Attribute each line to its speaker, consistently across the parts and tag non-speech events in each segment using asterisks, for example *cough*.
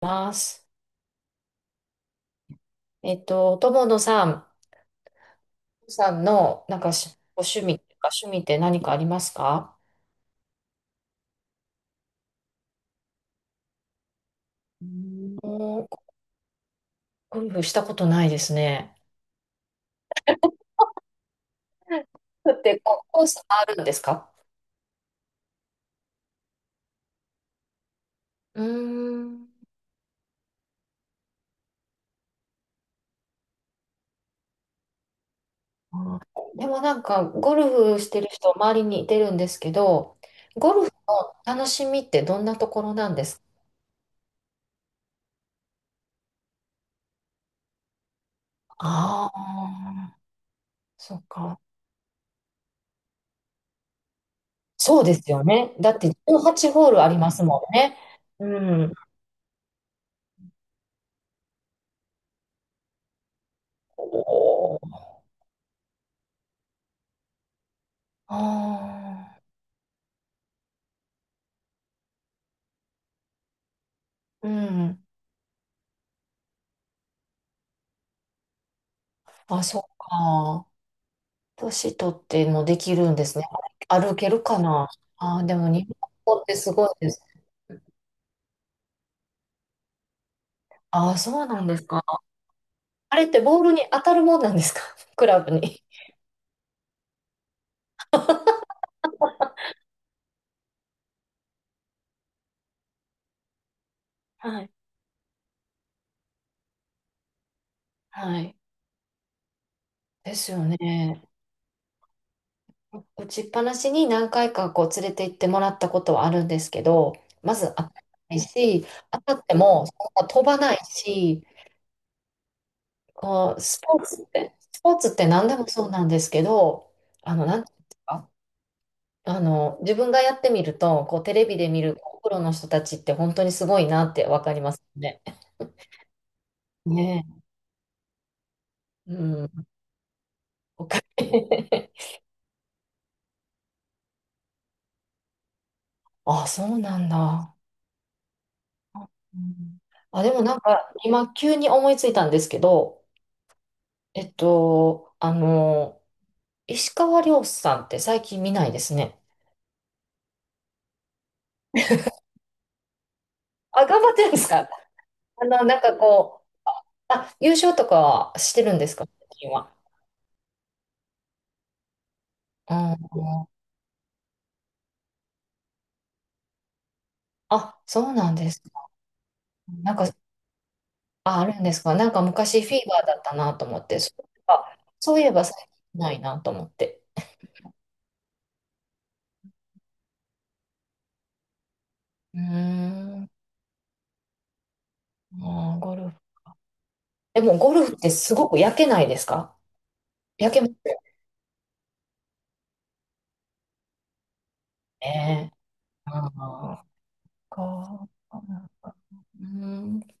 Speaker 1: ます。友野さん、さんの、なんかし、ご趣味とか、趣味って何かありますか？うーん。ゴルフしたことないですね。ゴルフって、こうコースあるんですか？うーん。あでもなんか、ゴルフしてる人、周りにいてるんですけど、ゴルフの楽しみってどんなところなんですか？ああー、そっか。そうですよね。だって、18ホールありますもんね。うん。おー。あー。うん。あ、そっか。年取ってもできるんですね。歩けるかな。あー、でも日本語ってすごいです。ああ、そうなんですか。あれってボールに当たるもんなんですか？ *laughs* クラブに。はい。はい。ですよね。打ちっぱなしに何回かこう連れて行ってもらったことはあるんですけど、まず当たらないし、当たってもそんな飛ばないし、こう、スポーツって何でもそうなんですけど、なんていうんですか？自分がやってみると、こう、テレビで見るプロの人たちって本当にすごいなってわかりますね。ねえ。うん。わかる。 *laughs* あ、そうなんだ。うん。あ、でもなんか、今急に思いついたんですけど、えっと、あの、石川遼さんって最近見ないですね。あ、頑張ってるんですか？なんかこう、あ、優勝とかはしてるんですか、最近は？うん。あ、そうなんですか。なんか、あ、あるんですか。なんか昔フィーバーだったなと思って、そういえば最近ないなと思って。うーん、あー、ゴルフ。でもゴルフってすごく焼けないですか？焼けますよね。あーか。うーん、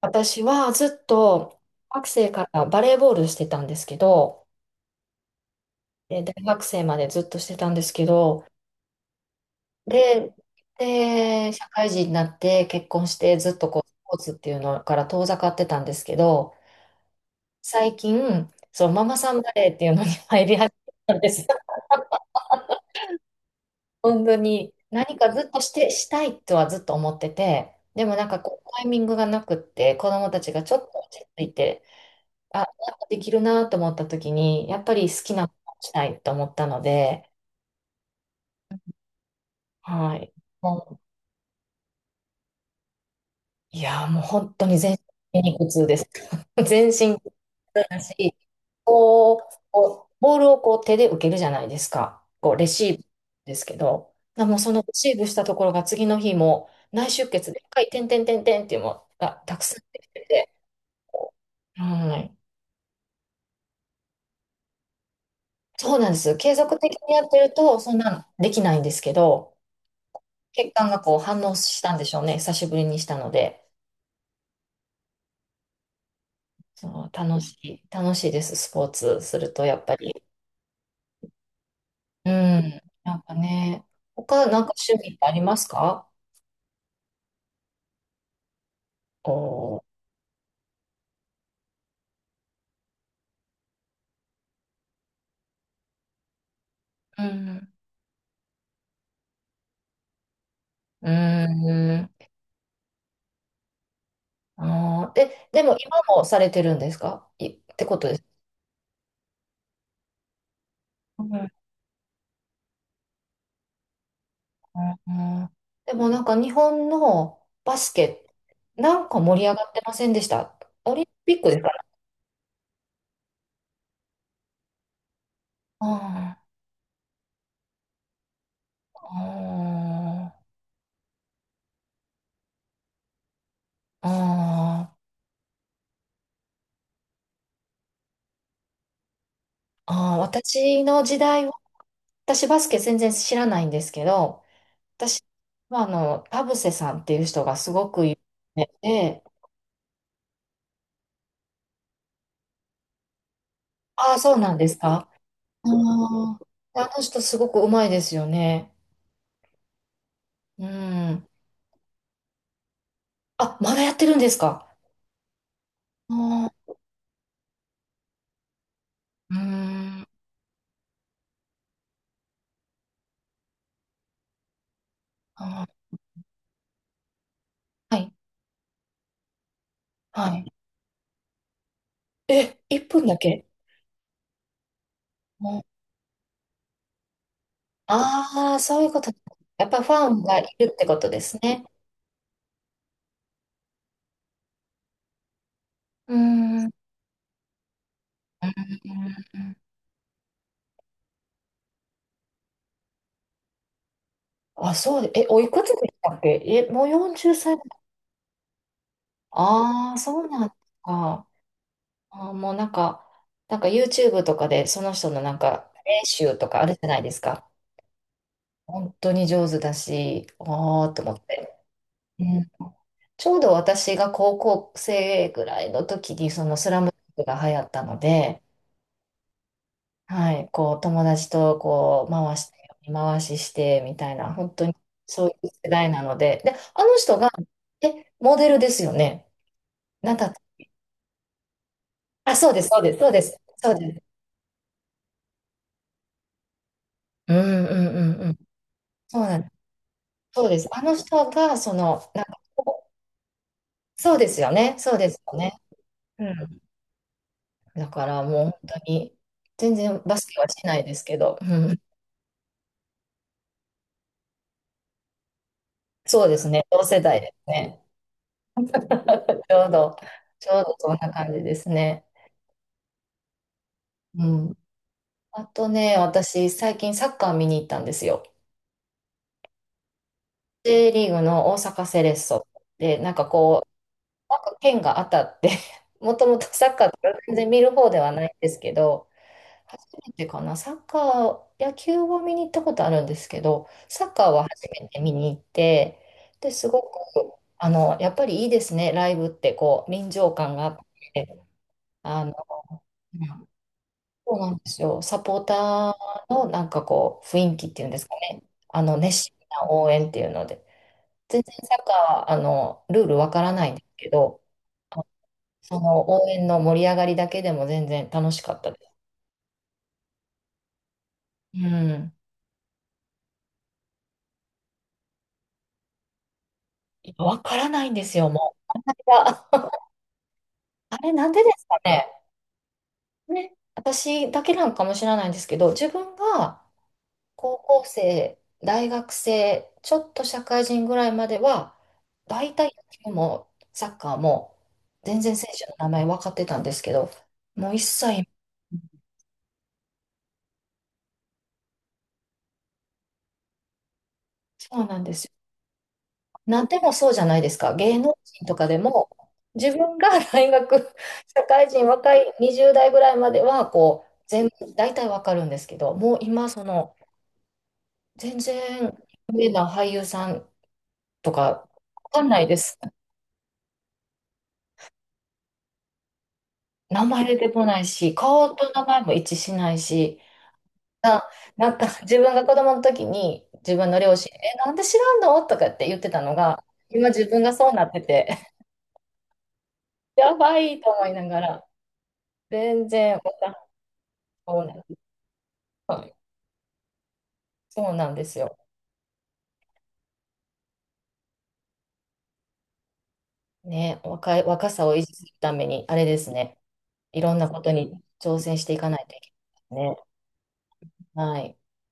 Speaker 1: 私はずっと学生からバレーボールしてたんですけど、で大学生までずっとしてたんですけど、で、で、社会人になって結婚してずっとこうスポーツっていうのから遠ざかってたんですけど、最近、そう、ママさんバレーっていうのに *laughs* 入り始めたんです。*laughs* 本当に、何かずっとしたいとはずっと思ってて、でもなんかこう、タイミングがなくって、子供たちがちょっと落ち着いて、あ、なんかできるなと思った時に、やっぱり好きなことをしたいと思ったので、はい。もう、いやー、もう本当に全身筋肉痛です。*laughs* 全身痛いし、こうボールをこう手で受けるじゃないですか。こうレシーブですけど、あもうそのレシーブしたところが次の日も内出血で赤い点点点点っていうのがたくさんできてて、はい。そうなんです。継続的にやってるとそんなのできないんですけど、血管がこう反応したんでしょうね。久しぶりにしたので。そう、楽しいです。スポーツするとやっぱり。うん。なんかね、他なんか趣味ってありますか？おー。うん。うーん。あー、でも今もされてるんですかい、ってことです。うん、うん、うん。でもなんか日本のバスケ、なんか盛り上がってませんでした、オリンピックですかね？ああ、あーあー、私の時代は、私バスケ全然知らないんですけど、私は田臥さんっていう人がすごく有名で、ああ、そうなんですか。あー、あの人すごくうまいですよね。うん。あ、まだやってるんですか？あー。うーん。あー、はい、はい。え、1分だけ？もう。ああー、そういうこと。やっぱファンがいるってことですね。うーん、うん。あ、そうで、え、おいくつでしたっけえ、もう40歳？ああ、そうなんですか。あー、もうなんか、 YouTube とかでその人のなんか練習とかあるじゃないですか。本当に上手だし、ああ、と思って。ちょうど私が高校生ぐらいの時にそのスラムダンクが流行ったので、はい、こう友達とこう回して、見回ししてみたいな、本当にそういう世代なので、で、あの人が、え、モデルですよね。なんだったあ、そうです、そうです、そうです、そうです。うん、うん、うん、うん。そうなんです。そうです。あの人が、なんか、そうですよね、そうですよね。うん。だからもう本当に、全然バスケはしないですけど、うん、そうですね。同世代ですね。*laughs* ちょうど、ちょうどそんな感じですね。うん。あとね、私、最近サッカー見に行ったんですよ。J リーグの大阪セレッソで、なんかこう、なんか県が当たって *laughs* もともとサッカーとか全然見る方ではないんですけど、初めてかな、サッカー、野球は見に行ったことあるんですけど、サッカーは初めて見に行って、で、すごく、やっぱりいいですね、ライブって、こう、臨場感があって。あのうん、そうなんですよ。サポーターのなんかこう、雰囲気っていうんですかね。熱心な応援っていうので。全然サッカーは、ルールわからないんですけど、あ、その応援の盛り上がりだけでも全然楽しかったです。うん。いやわからないんですよ、もう。いや、*laughs* あれなんでですかね。ね、私だけなんかもしれないんですけど、自分が高校生、大学生、ちょっと社会人ぐらいまでは、大体野球もサッカーも全然選手の名前分かってたんですけど、もう一切。そうなんですよ。なんでもそうじゃないですか。芸能人とかでも、自分が *laughs* 大学、社会人、若い20代ぐらいまでは、こう、全部、大体分かるんですけど、もう今、全然、有名な俳優さんとか、分かんないです。名前出てこないし、顔と名前も一致しないし、あ、なんか自分が子供の時に自分の両親、え、なんで知らんのとかって言ってたのが、今自分がそうなってて、*laughs* やばいと思いながら、全然わかん。そうなんです。はい。そうなんですよ。ね、若さを維持するために、あれですね、いろんなことに挑戦していかないといけないですね。はい。